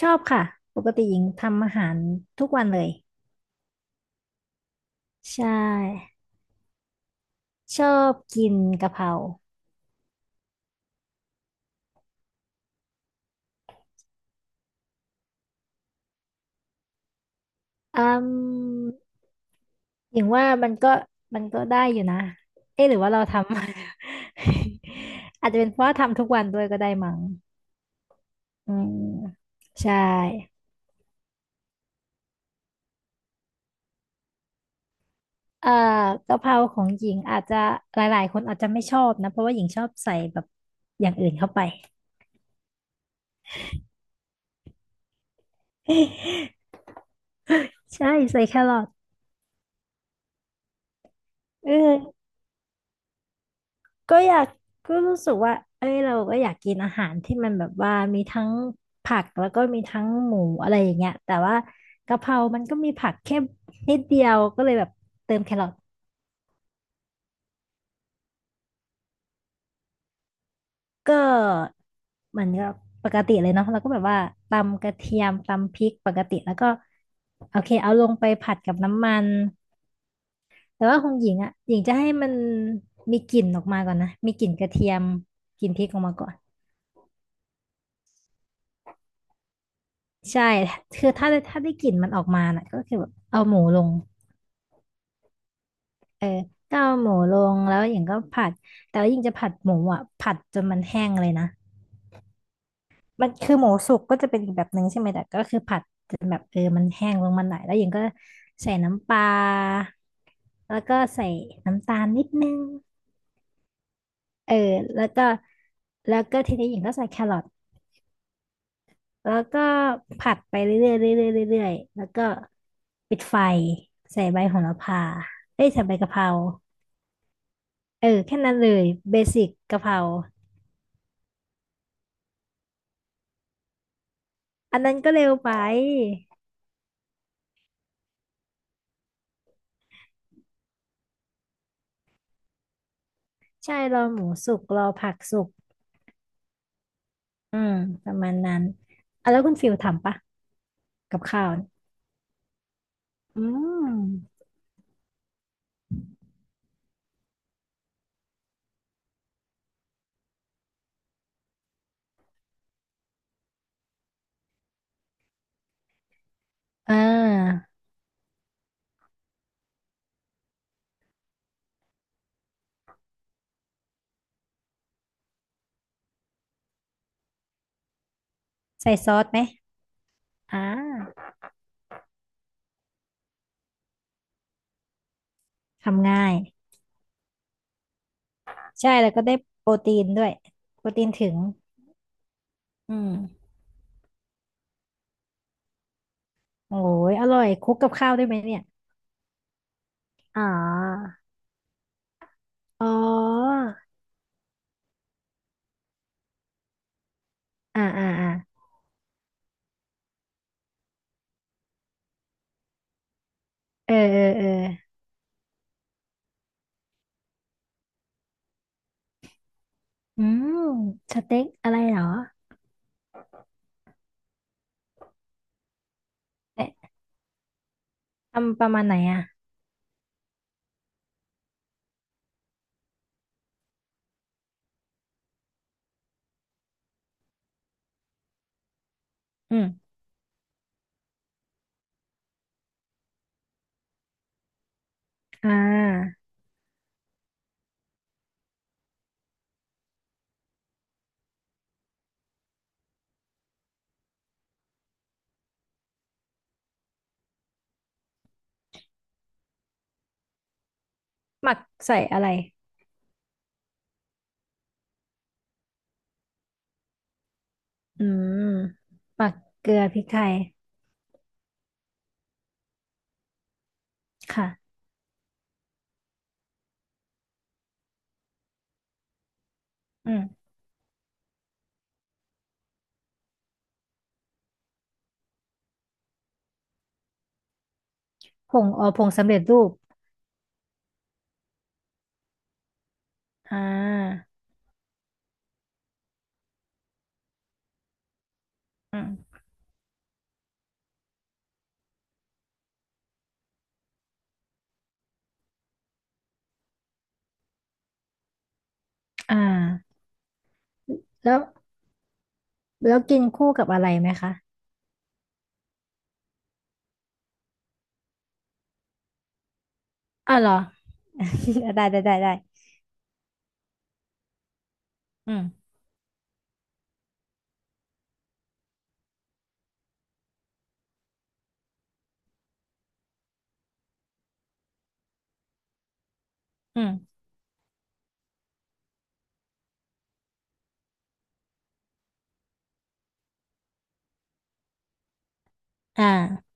ชอบค่ะปกติหญิงทำอาหารทุกวันเลยใช่ชอบกินกะเพราอืมหญิงว่ามันก็ได้อยู่นะเอ๊ะหรือว่าเราทำ อาจจะเป็นเพราะว่าทำทุกวันด้วยก็ได้มั้งอืมใช่เอ่อกะเพราของหญิงอาจจะหลายๆคนอาจจะไม่ชอบนะเพราะว่าหญิงชอบใส่แบบอย่างอื่นเข้าไป ใช่ใส่แครอทเออ ก็อยากก็รู้สึกว่าเอ้ยเราก็อยากกินอาหารที่มันแบบว่ามีทั้งผักแล้วก็มีทั้งหมูอะไรอย่างเงี้ยแต่ว่ากะเพรามันก็มีผักแค่นิดเดียวก็เลยแบบเติมแครอทก็เหมือนกับปกติเลยเนาะแล้วก็แบบว่าตำกระเทียมตำพริกปกติแล้วก็โอเคเอาลงไปผัดกับน้ำมันแต่ว่าของหญิงอ่ะหญิงจะให้มันมีกลิ่นออกมาก่อนนะมีกลิ่นกระเทียมกลิ่นพริกออกมาก่อน ใช่คือถ้าได้กลิ่นมันออกมาน่ะก็คือแบบเอาหมูลงเออก็เอาหมูลงแล้วหญิงก็ผัดแต่ว่าหญิงจะผัดหมูอ่ะผัดจนมันแห้งเลยนะมันคือหมูสุกก็จะเป็นอีกแบบหนึ่งใช่ไหมแต่ก็คือผัดจนแบบเออมันแห้งลงมาหน่อยแล้วหญิงก็ใส่น้ำปลาแล้วก็ใส่น้ำตาลนิดนึงเออแล้วก็แล้วก็ทีนี้หญิงก็ใส่แครอท แล้วก็ผัดไปเรื่อยๆเรื่อยๆเรื่อยๆแล้วก็ปิดไฟใส่ใบโหระพาเอ้ยใส่ใบกะเพราเออแค่นั้นเลยเบสิกกะเพราอันนั้นก็เร็วไปใช่รอหมูสุกรอผักสุกอืมประมาณนั้นอ่ะแล้วคุณฟิลทำปะกับข้าวเนี่ยอืมอ่าใส่ซอสไหมอ่าทำง่ายใช่แล้วก็ได้โปรตีนด้วยโปรตีนถึงอืมโอ้ยอร่อยคลุกกับข้าวได้ไหมเนี่ยอ๋อ อ๋ออ่าอ่าอ่าเออเออเอออืมสเต็กอะไรเหรอเอ๊ะทำประมาณไหนอ่ะอืมอ่าหมักใส่อะไรอืมหมักเกลือพริกไทย ค่ะอืมผงอ๋อผงสำเร็จรูปอ่าอืมอ่าแล้วแล้วกินคู่กับอะไรไหมคะ อ้าวเหรอ ได้ได้ได้ได้อืมอืมอ่า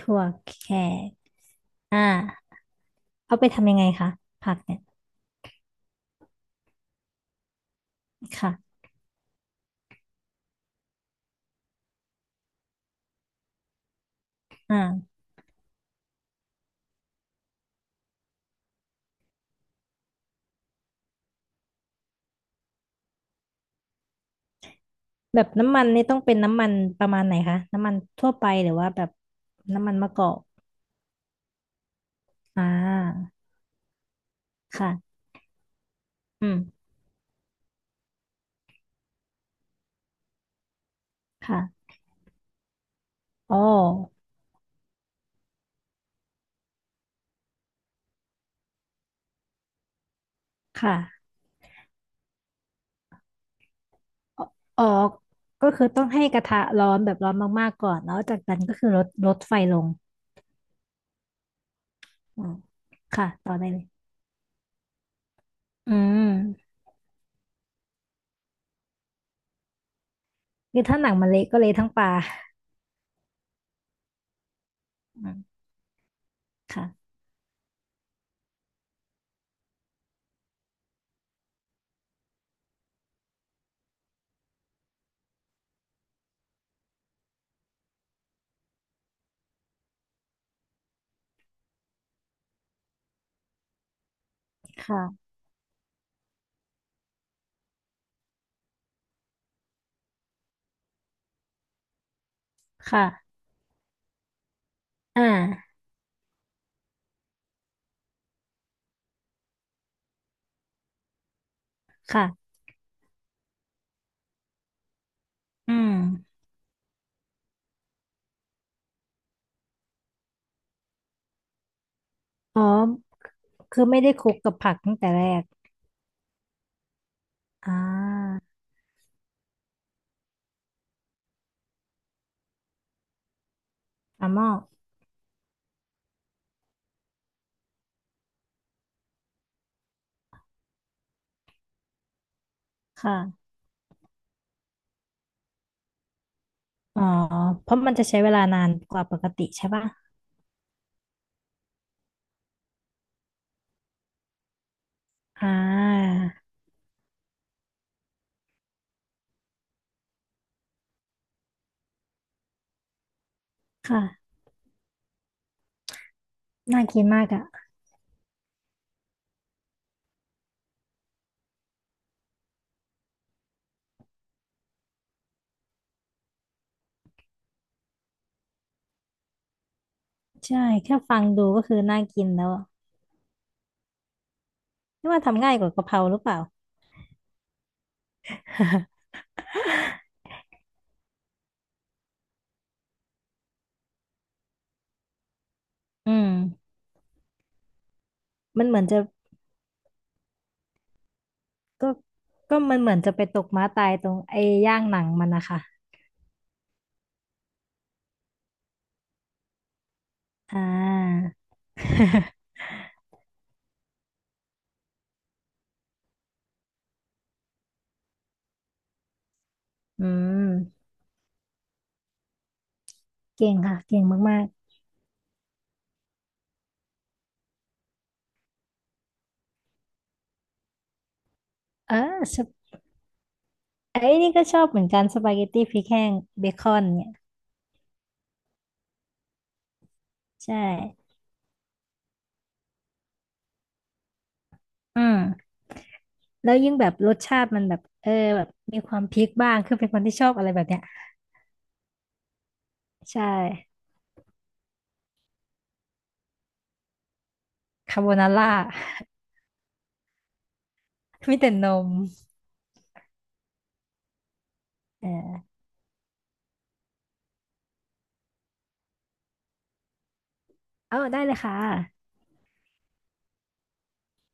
ถั่วแขกอ่าเอาไปทำยังไงคะ ผักเนี่ย ค่ะอ่า แบบน้ำมันนี่ต้องเป็นน้ำมันประมาณไหนคะน้ำมันทั่วไปหรือว่าแบบน้ำมันมะกอกอ่าค่ะอืมค่ะอ๋อค่ะอ๋ออ๋อก็คือต้องให้กระทะร้อนแบบร้อนมากๆก่อนแล้วจากนั้นก็คือลดไฟลงอืมค่ะต่อได้เลยอืมคือถ้าหนังมันเละก็เละทั้งปลาอืมค่ะค่ะ ค่ะอ่าค่ะอืมอ๋อคือไม่ได้คลุกกับผักตั้งแต่แรกอ่าปลาหม้อ ค่ะอ๋อเพราะมันจะใช้เวลานานกว่าปกติใช่ป่ะอ่าค่ะ น่ากินมากอ่ะใช่แค่ฟังดูก็คือน่ากินแล้วอะนี่ว่าทำง่ายกว่ากะเพราหรือเปล่า อืมมันเหมือนจะก็ก็มันเหมือนจะไปตกม้าตายตรงไอ้ย่างหนังมันนะคะอ่า อืมเก่งค่ะเก่งมากๆเออสปไอ้นี่ก็ชอบเหมือนกันสปาเกตตี้พริกแห้งเบคอนเนี่ยใช่อืม แล้วยิ่งแบบรสชาติมันแบบเออแบบมีความพริกบ้างคือเป็นคนที่ชอบอะไรแบบเนี้ยใช่คาโบนาร่า มีแต่นมเออเอาได้เลยค่ะ